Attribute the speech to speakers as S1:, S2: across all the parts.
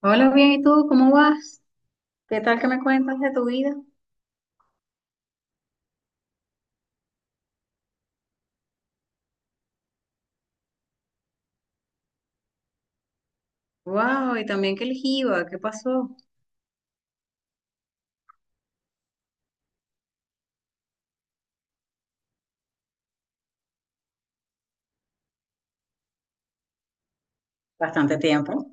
S1: Hola, bien, ¿y tú? ¿Cómo vas? ¿Qué tal que me cuentas de tu vida? Wow, y también que el jiba, ¿qué pasó? Bastante tiempo.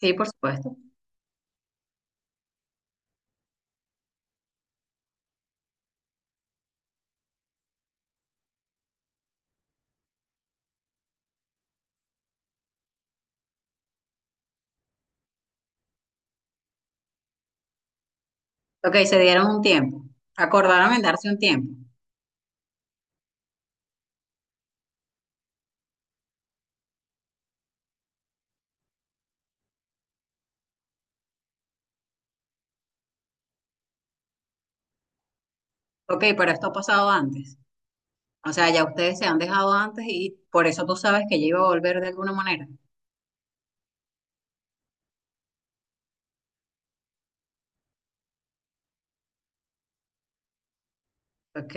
S1: Sí, por supuesto. Ok, se dieron un tiempo. Acordaron en darse un tiempo. Ok, pero esto ha pasado antes. O sea, ya ustedes se han dejado antes y por eso tú sabes que ella iba a volver de alguna manera. Ok.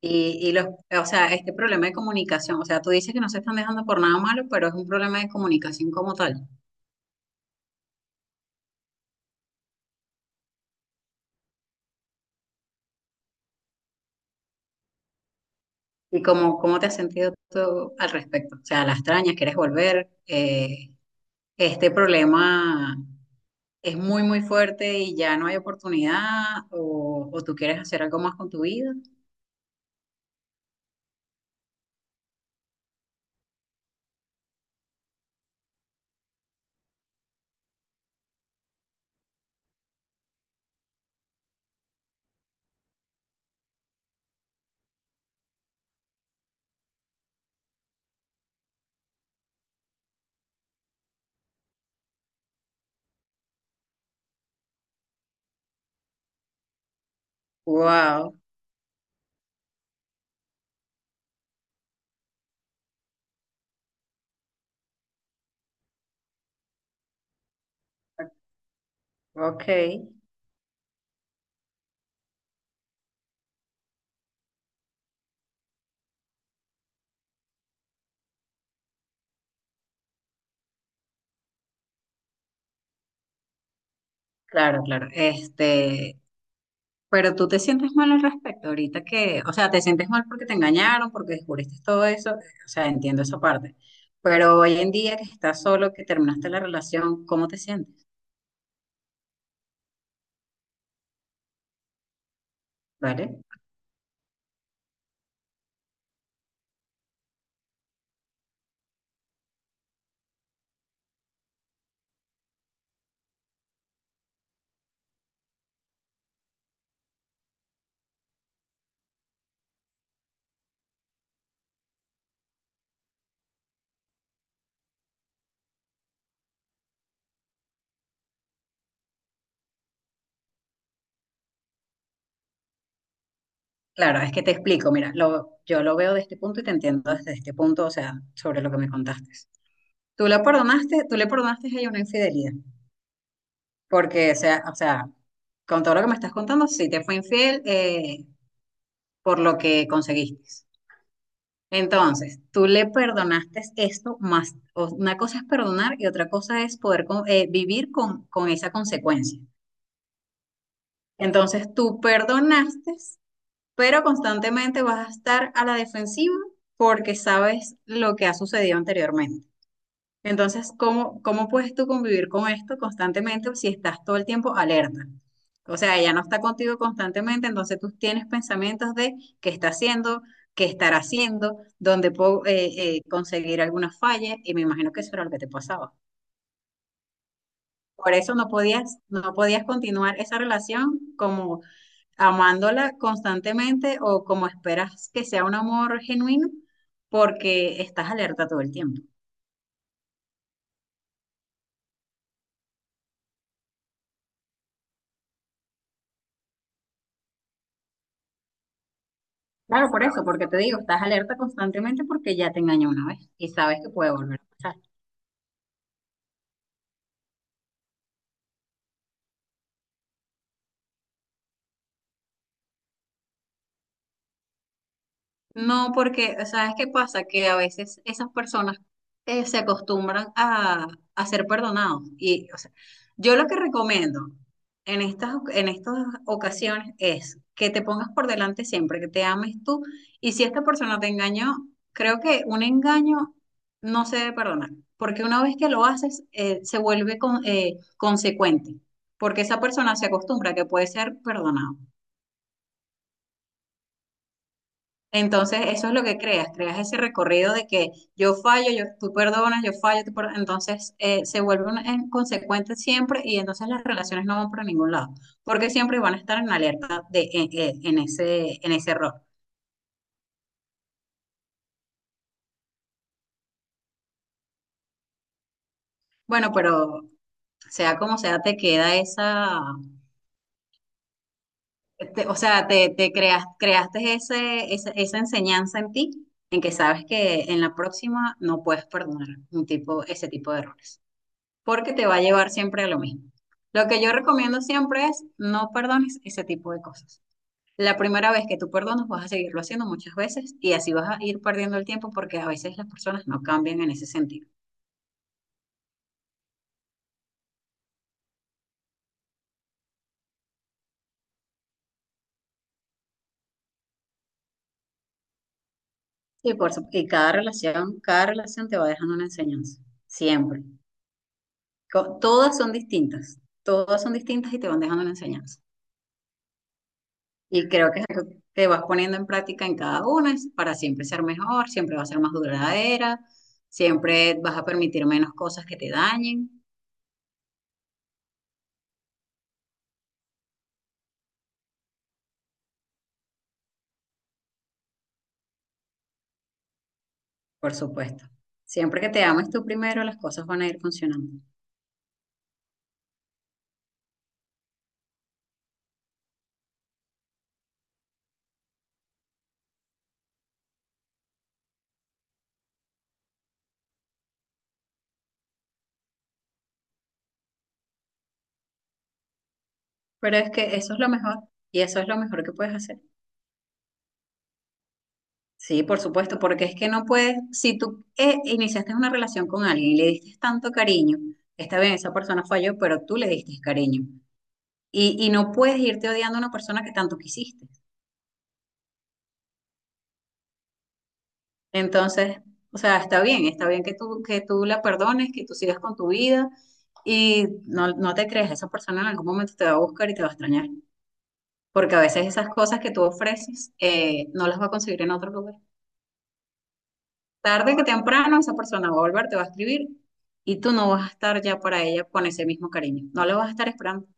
S1: Y los, o sea, este problema de comunicación, o sea, tú dices que no se están dejando por nada malo, pero es un problema de comunicación como tal. ¿Y cómo, cómo te has sentido tú al respecto? O sea, la extrañas, quieres volver. Este problema es muy, muy fuerte y ya no hay oportunidad. O tú quieres hacer algo más con tu vida. Wow, ok. Claro, claro. Este, pero tú te sientes mal al respecto ahorita que, o sea, te sientes mal porque te engañaron, porque descubriste todo eso. O sea, entiendo esa parte. Pero hoy en día que estás solo, que terminaste la relación, ¿cómo te sientes? ¿Vale? Claro, es que te explico, mira, lo, yo lo veo de este punto y te entiendo desde este punto, o sea, sobre lo que me contaste. Tú la perdonaste, tú le perdonaste a ella una infidelidad, porque, o sea, con todo lo que me estás contando, sí te fue infiel por lo que conseguiste. Entonces, tú le perdonaste esto más, o una cosa es perdonar y otra cosa es poder con vivir con esa consecuencia. Entonces, tú perdonaste pero constantemente vas a estar a la defensiva porque sabes lo que ha sucedido anteriormente. Entonces, ¿cómo, cómo puedes tú convivir con esto constantemente si estás todo el tiempo alerta? O sea, ella no está contigo constantemente, entonces tú tienes pensamientos de qué está haciendo, qué estará haciendo, dónde puedo conseguir alguna falla, y me imagino que eso era lo que te pasaba. Por eso no podías, no podías continuar esa relación como amándola constantemente o como esperas que sea un amor genuino porque estás alerta todo el tiempo. Claro, por eso, porque te digo, estás alerta constantemente porque ya te engañó una vez y sabes que puede volver a pasar. No, porque, ¿sabes qué pasa? Que a veces esas personas se acostumbran a ser perdonados. Y, o sea, yo lo que recomiendo en estas ocasiones es que te pongas por delante siempre, que te ames tú. Y si esta persona te engañó, creo que un engaño no se debe perdonar, porque una vez que lo haces, se vuelve con consecuente, porque esa persona se acostumbra a que puede ser perdonado. Entonces, eso es lo que creas, creas ese recorrido de que yo fallo, yo, tú perdonas, yo fallo, tú perdonas. Entonces, se vuelven en consecuente siempre y entonces las relaciones no van para ningún lado, porque siempre van a estar en alerta de, en ese error. Bueno, pero sea como sea, te queda esa, te o sea, te creas, creaste ese, esa enseñanza en ti, en que sabes que en la próxima no puedes perdonar un tipo, ese tipo de errores. Porque te va a llevar siempre a lo mismo. Lo que yo recomiendo siempre es no perdones ese tipo de cosas. La primera vez que tú perdonas vas a seguirlo haciendo muchas veces y así vas a ir perdiendo el tiempo porque a veces las personas no cambian en ese sentido. Y, por, su y cada relación te va dejando una enseñanza, siempre. Co todas son distintas y te van dejando una enseñanza. Y creo que es algo que vas poniendo en práctica en cada una es para siempre ser mejor, siempre va a ser más duradera, siempre vas a permitir menos cosas que te dañen, por supuesto. Siempre que te ames tú primero, las cosas van a ir funcionando. Pero es que eso es lo mejor y eso es lo mejor que puedes hacer. Sí, por supuesto, porque es que no puedes, si tú iniciaste una relación con alguien y le diste tanto cariño, está bien, esa persona falló, pero tú le diste cariño. Y no puedes irte odiando a una persona que tanto quisiste. Entonces, o sea, está bien que tú la perdones, que tú sigas con tu vida y no, no te creas, esa persona en algún momento te va a buscar y te va a extrañar, porque a veces esas cosas que tú ofreces no las va a conseguir en otro lugar. Tarde que temprano esa persona va a volver, te va a escribir y tú no vas a estar ya para ella con ese mismo cariño, no la vas a estar esperando.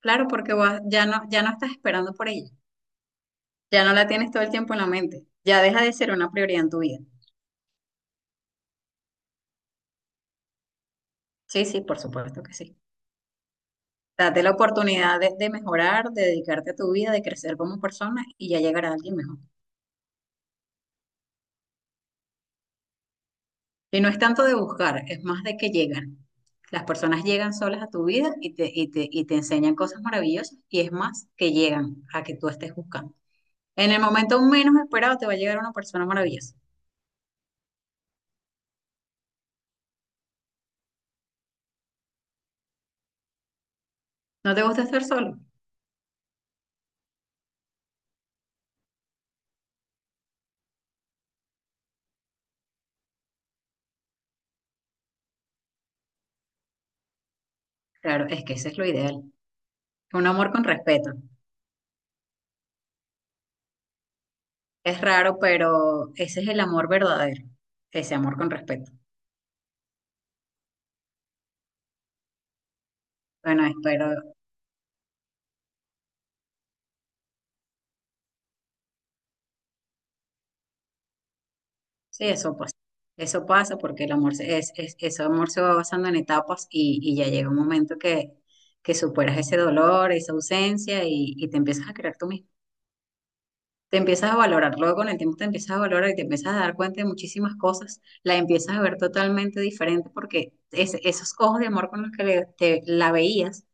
S1: Claro, porque vas ya no, ya no estás esperando por ella, ya no la tienes todo el tiempo en la mente, ya deja de ser una prioridad en tu vida. Sí, sí, por supuesto que sí. Date la oportunidad de mejorar, de dedicarte a tu vida, de crecer como persona y ya llegará alguien mejor. Y no es tanto de buscar, es más de que llegan. Las personas llegan solas a tu vida y te, y te, y te enseñan cosas maravillosas y es más que llegan a que tú estés buscando. En el momento menos esperado te va a llegar una persona maravillosa. ¿No te gusta estar solo? Claro, es que ese es lo ideal. Un amor con respeto. Es raro, pero ese es el amor verdadero. Ese amor con respeto. Bueno, espero, sí, eso pasa. Eso pasa porque el amor se, es, eso amor se va basando en etapas y ya llega un momento que superas ese dolor, esa ausencia y te empiezas a creer tú mismo. Te empiezas a valorar, luego con el tiempo te empiezas a valorar y te empiezas a dar cuenta de muchísimas cosas, la empiezas a ver totalmente diferente porque es esos ojos de amor con los que le te, la veías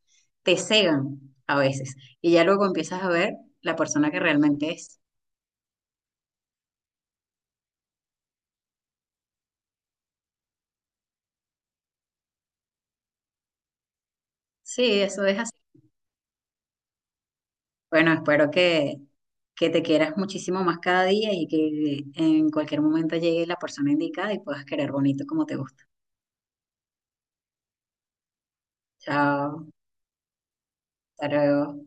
S1: te cegan a veces y ya luego empiezas a ver la persona que realmente es. Sí, eso es así. Bueno, espero que te quieras muchísimo más cada día y que en cualquier momento llegue la persona indicada y puedas querer bonito como te gusta. Chao, hasta luego.